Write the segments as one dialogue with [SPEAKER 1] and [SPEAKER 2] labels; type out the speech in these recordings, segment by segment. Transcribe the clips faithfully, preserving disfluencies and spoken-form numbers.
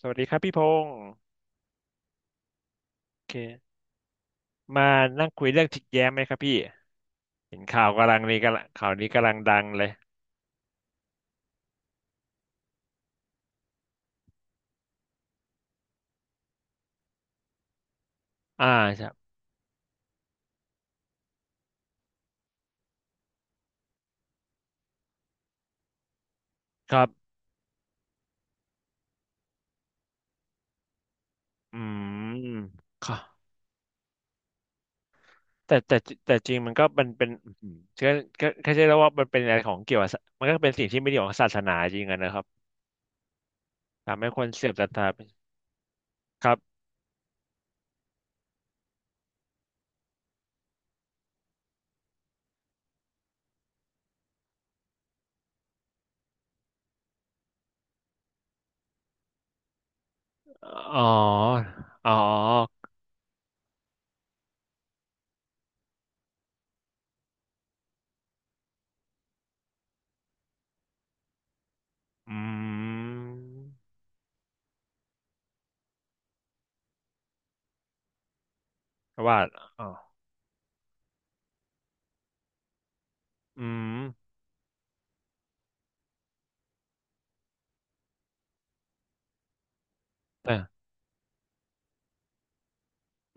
[SPEAKER 1] สวัสดีครับพี่พงศ์โอเคมานั่งคุยเรื่องจิกแย้มไหมครับพี่เห็นข่าวกำลังนี้กำลังข่าวนี้กำลังดังเลยอ่าครับครับอืมค่ะแต่แต่แต่จริงมันก็มันเป็นอืมก็ก็ก็ใช่แล้วว่ามันเป็นอะไรของเกี่ยวกับศามันก็เป็นสิ่งที่ไม่ดีของศาสนาจริงอะนะครับทำให้คนเสื่อมศรัทธาไปครับอ๋ออ๋ออืมว่าอ๋ออืมแต่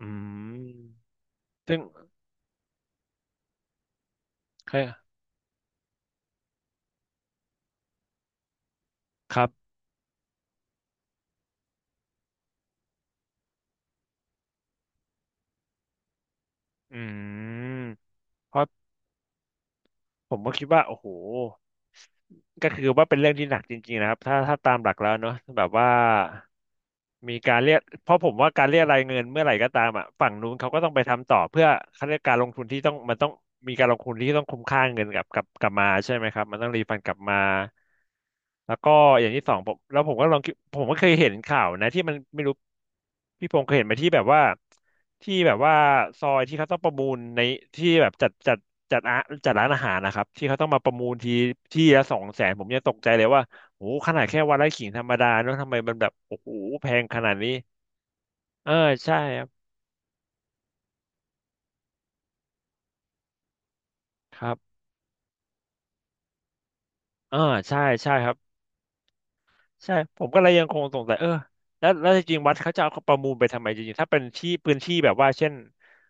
[SPEAKER 1] อืมซึ่งใครครับอืม เพราะผมก็คิดว่าโอ้โหก็คือว่าเป็นเรื่องที่หนักจริงๆนะครับถ้าถ้าตามหลักแล้วเนอะแบบว่ามีการเรียกเพราะผมว่าการเรียกรายเงินเมื่อไหร่ก็ตามอ่ะฝั่งนู้นเขาก็ต้องไปทำต่อเพื่อเขาเรียกการลงทุนที่ต้องมันต้องมีการลงทุนที่ต้องคุ้มค่าเงินกลับกลับกลับมาใช่ไหมครับมันต้องรีฟันกลับมา แล้วก็อย่างที่สองผมแล้วผมก็ลองคิดผมก็เคยเห็นข่าวนะที่มันไม่รู้พี่พงศ์เคยเห็นไหมที่แบบว่าที่แบบว่าซอยที่เขาต้องประมูลในที่แบบจัดจัดจัดอาจัดร้านอาหารนะครับที่เขาต้องมาประมูลทีที่ละสองแสนผมยังตกใจเลยว่าโอ้โหขนาดแค่วันละขิงธรรมดาเนอะทำไมมันแบบโอ้โหแพงขนาดนี้เออใช่ครับครับเออใช่ใช่ครับ ใช่ผมก็เลยยังคงสงสัยเออแล้วแล้วจริงๆวัดเขาจะเอาประมูลไปทำไมจริงๆถ้าเป็นที่พื้นที่แบบว่าเช่น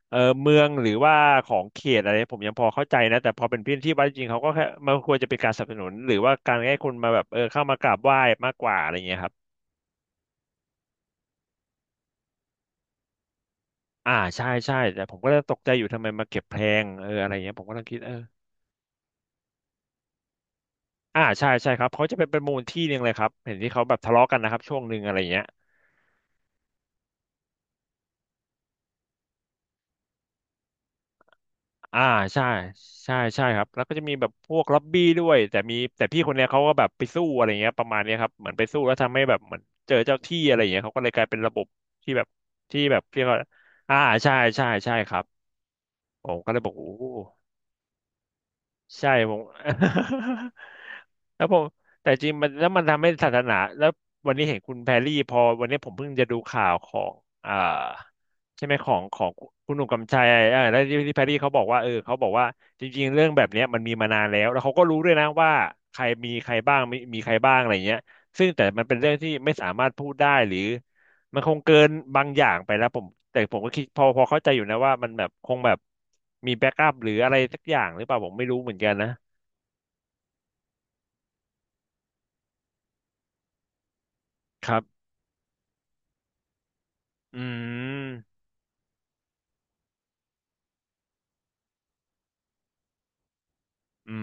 [SPEAKER 1] เออเมืองหรือว่าของเขตอะไรผมยังพอเข้าใจนะแต่พอเป็นพื้นที่วัดจริงๆเขาก็แค่มันควรจะเป็นการสนับสนุนหรือว่าการให้คนมาแบบเออเข้ามากราบไหว้มากกว่าอะไรเงี้ยครับอ่าใช่ใช่แต่ผมก็เลยตกใจอยู่ทำไมมาเก็บแพงเอออะไรเงี้ยผมก็เลยคิดเอออ่าใช่ใช่ครับเขาจะเป็นประมูลที่หนึ่งเลยครับเห็นที่เขาแบบทะเลาะกันนะครับช่วงหนึ่งอะไรเงี้ย อ่าใช่ใช่ใช่ครับแล้วก็จะมีแบบพวกล็อบบี้ด้วยแต่มีแต่พี่คนเนี้ยเขาก็แบบไปสู้อะไรเงี้ยประมาณเนี้ยครับเหมือนไปสู้แล้วทำให้แบบเหมือนเจอเจ้าที่อะไรเงี้ยเขาก็เลยกลายเป็นระบบที่แบบที่แบบเรียกว่าอ่าใช่ใช่ใช่ครับผมก็เลยบอกโอ้ ใช่ผม แล้วผมแต่จริงมันแล้วมันทำให้ศาสนาแล้ววันนี้เห็นคุณแพรรี่พอวันนี้ผมเพิ่งจะดูข่าวของอ่าใช่ไหมของของคุณหนุ่มกำชัยเออแล้วที่ที่แพรรี่เขาบอกว่าเออเขาบอกว่าจริงๆเรื่องแบบเนี้ยมันมีมานานแล้วแล้วเขาก็รู้ด้วยนะว่าใครมีใครบ้างมีมีใครบ้างอะไรเงี้ยซึ่งแต่มันเป็นเรื่องที่ไม่สามารถพูดได้หรือ มันคงเกินบางอย่างไปแล้วผมแต่ผมก็คิดพอพอเข้าใจอยู่นะว่ามันแบบคงแบบมีแบ็กอัพหรืออะไรสักอย่างหรือเปล่าผมไม่รู้เหมือนกันนะครับอืมอื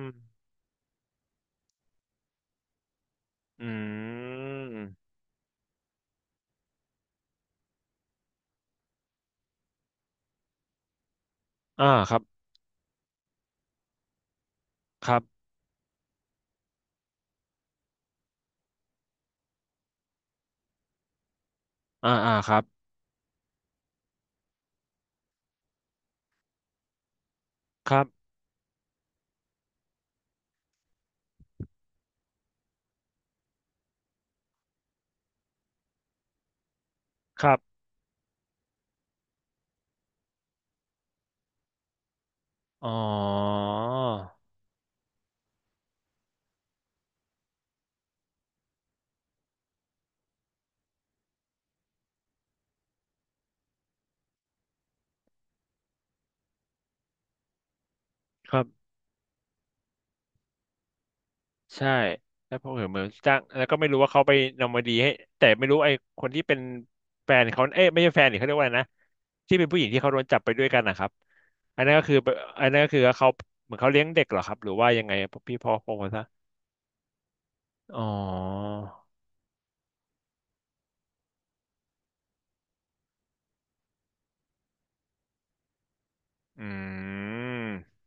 [SPEAKER 1] มอืมอ่าครับครับอ่าอ่าครับครับครับอ๋อครับ ใช่แล้วพอเห็นเหมือนจ้างแล้วก็ไม่รู้ว่าเขาไปนอร์มาดีให้แต่ไม่รู้ไอ้คนที่เป็นแฟนเขาเอ๊ะไม่ใช่แฟนนีเขาเรียกว่าอะไรนะที่เป็นผู้หญิงที่เขาโดนจับไปด้วยกันนะครับอันนั้นก็คืออันนั้นก็คือเขาเหมือนเขาเลี้ยงเด็กเหรอครับหรือว่ายังไงพี่พอพงศ์ซะอ๋ออืม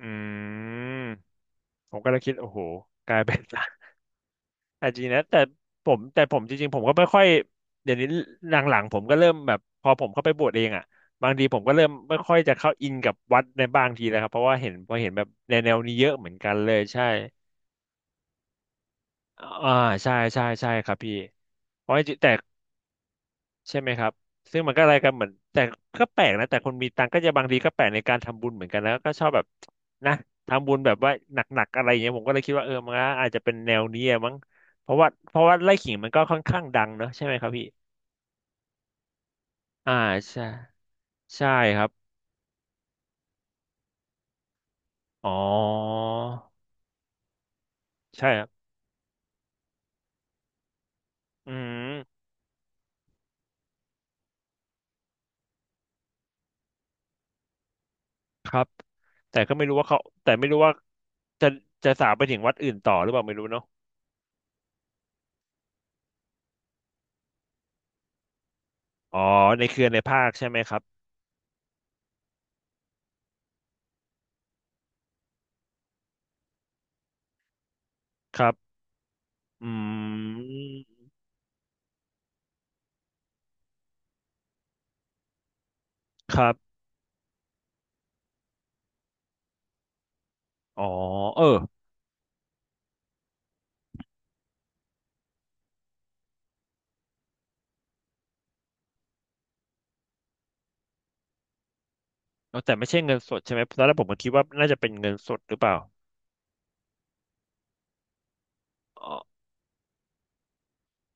[SPEAKER 1] อืมผมก็เลยคิดโอ้โหกลายเป็น อาจจะนะแต่ผมแต่ผมจริงๆผมก็ไม่ค่อยเดี๋ยวนี้หลังๆผมก็เริ่มแบบพอผมเข้าไปบวชเองอ่ะบางทีผมก็เริ่มไม่ค่อยจะเข้าอินกับวัดในบางทีแล้วครับเพราะว่าเห็นพอเห็นแบบแนวแนวนี้เยอะเหมือนกันเลยใช่อ่าใช่ใช่ใช่ครับพี่เพราะจริงแต่ ใช่ไหมครับ ซึ่งมันก็อะไรกันเหมือนแต่ก็แปลกนะแต่คนมีตังค์ก็จะบางทีก็แปลกในการทำบุญเหมือนกันแล้วก็ชอบแบบนะทำบุญแบบว่าหนักๆอะไรอย่างเงี้ยผมก็เลยคิดว่าเออมันก็อาจจะเป็นแนวนี้อะมั้งเพราะว่าเพราะว่าไล่ขิงมันก็ค่อนข้างดังเนอะใช่ไหมครับพี่อ่าใช่ใช่ครับอ๋อใช่ครับอืมครับแต่ก็ไม่รู้ว่าเขาแต่ไม่รู้ว่าจะจะสาวไปถึงวัดอื่นต่อหรือเปล่าไม่รู้เนาะอ๋อในเครือในภาคใช่ไหมครับครับอืมครับ อ๋อ เออเอาแต่ไม่ใช่เงินสดใช่ไหมตอนแรกผมก็คิดว่าน่าจะเป็นเงินสดหรือเปล่าอ๋อ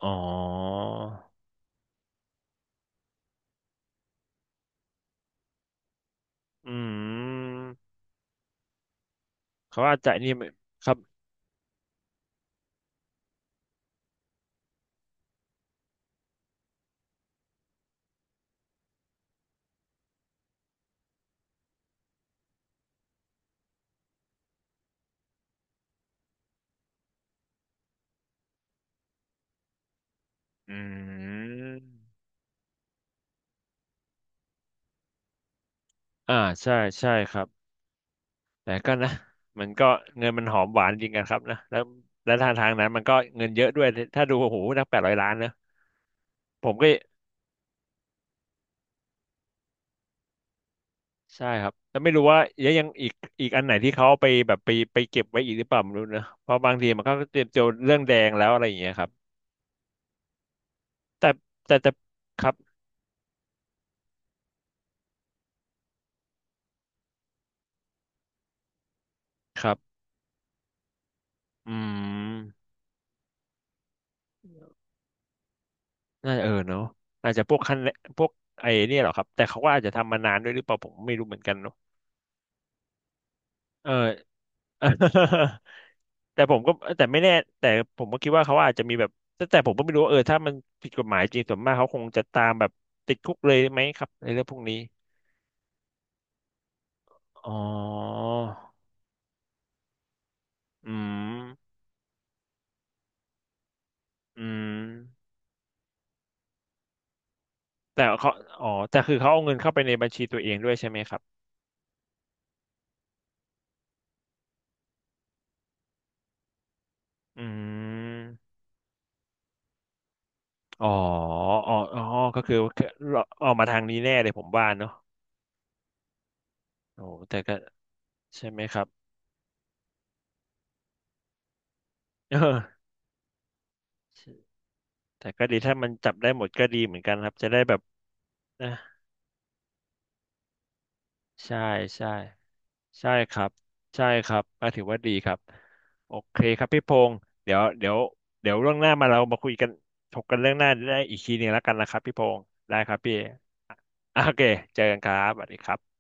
[SPEAKER 1] อ๋ออืมเขาอาจจะนี่ไหมครับอืมอ่าใช่ใช่ครับแต่ก็นะมันก็เงินมันหอมหวานจริงกันครับนะแล้วแล้วทางทางนั้นมันก็เงินเยอะด้วยถ้าดูโอ้โหนักแปดร้อยล้านนะผมก็ใช่ครับแล้วไม่รู้ว่ายังยังอีกอีกอันไหนที่เขาเอาไปแบบไปไปเก็บไว้อีกหรือเปล่าไม่รู้นะเพราะบางทีมันก็เตรียมเจอเรื่องแดงแล้วอะไรอย่างเงี้ยครับ แต่แต่แต่ครับครับอืมน่าจะเออเนาะอาจจะพวกคันพวกไอ้เนี่ยเหรอครับแต่เขาก็อาจจะทำมานานด้วยหรือเปล่าผมไม่รู้เหมือนกันเนาะเออ แต่ผมก็แต่ไม่แน่แต่ผมก็คิดว่าเขาอาจจะมีแบบแต่แต่ผมก็ไม่รู้ว่าเออถ้ามันผิดกฎหมายจริงส่วนมากเขาคงจะตามแบบติดคุกเลยไหมครับในเรื่องพวกนี้อ๋ออืมอืมแต่เขาอ๋อแต่คือเขาเอาเงินเข้าไปในบัญชีตัวเองด้วยใช่ไหมครับอืม อ๋ออ๋ออ๋อก็คือออกมาทางนี้แน่เลยผมว่าเนอะโอ้แต่ก็ใช่ไหมครับเออ แต่ก็ดีถ้ามันจับได้หมดก็ดีเหมือนกันครับจะได้แบบนะใช่ใช่ใช่ครับใช่ครับก็ถือว่าดีครับโอเคครับพี่พงศ์เดี๋ยวเดี๋ยวเดี๋ยวเรื่องหน้ามาเรามาคุยกันถกกันเรื่องหน้าได้อีกทีหนึ่งแล้วกันนะครับพี่พงศ์ได้ครับพี่อ่ะโอเคเจอกันครับสวัสดีครับ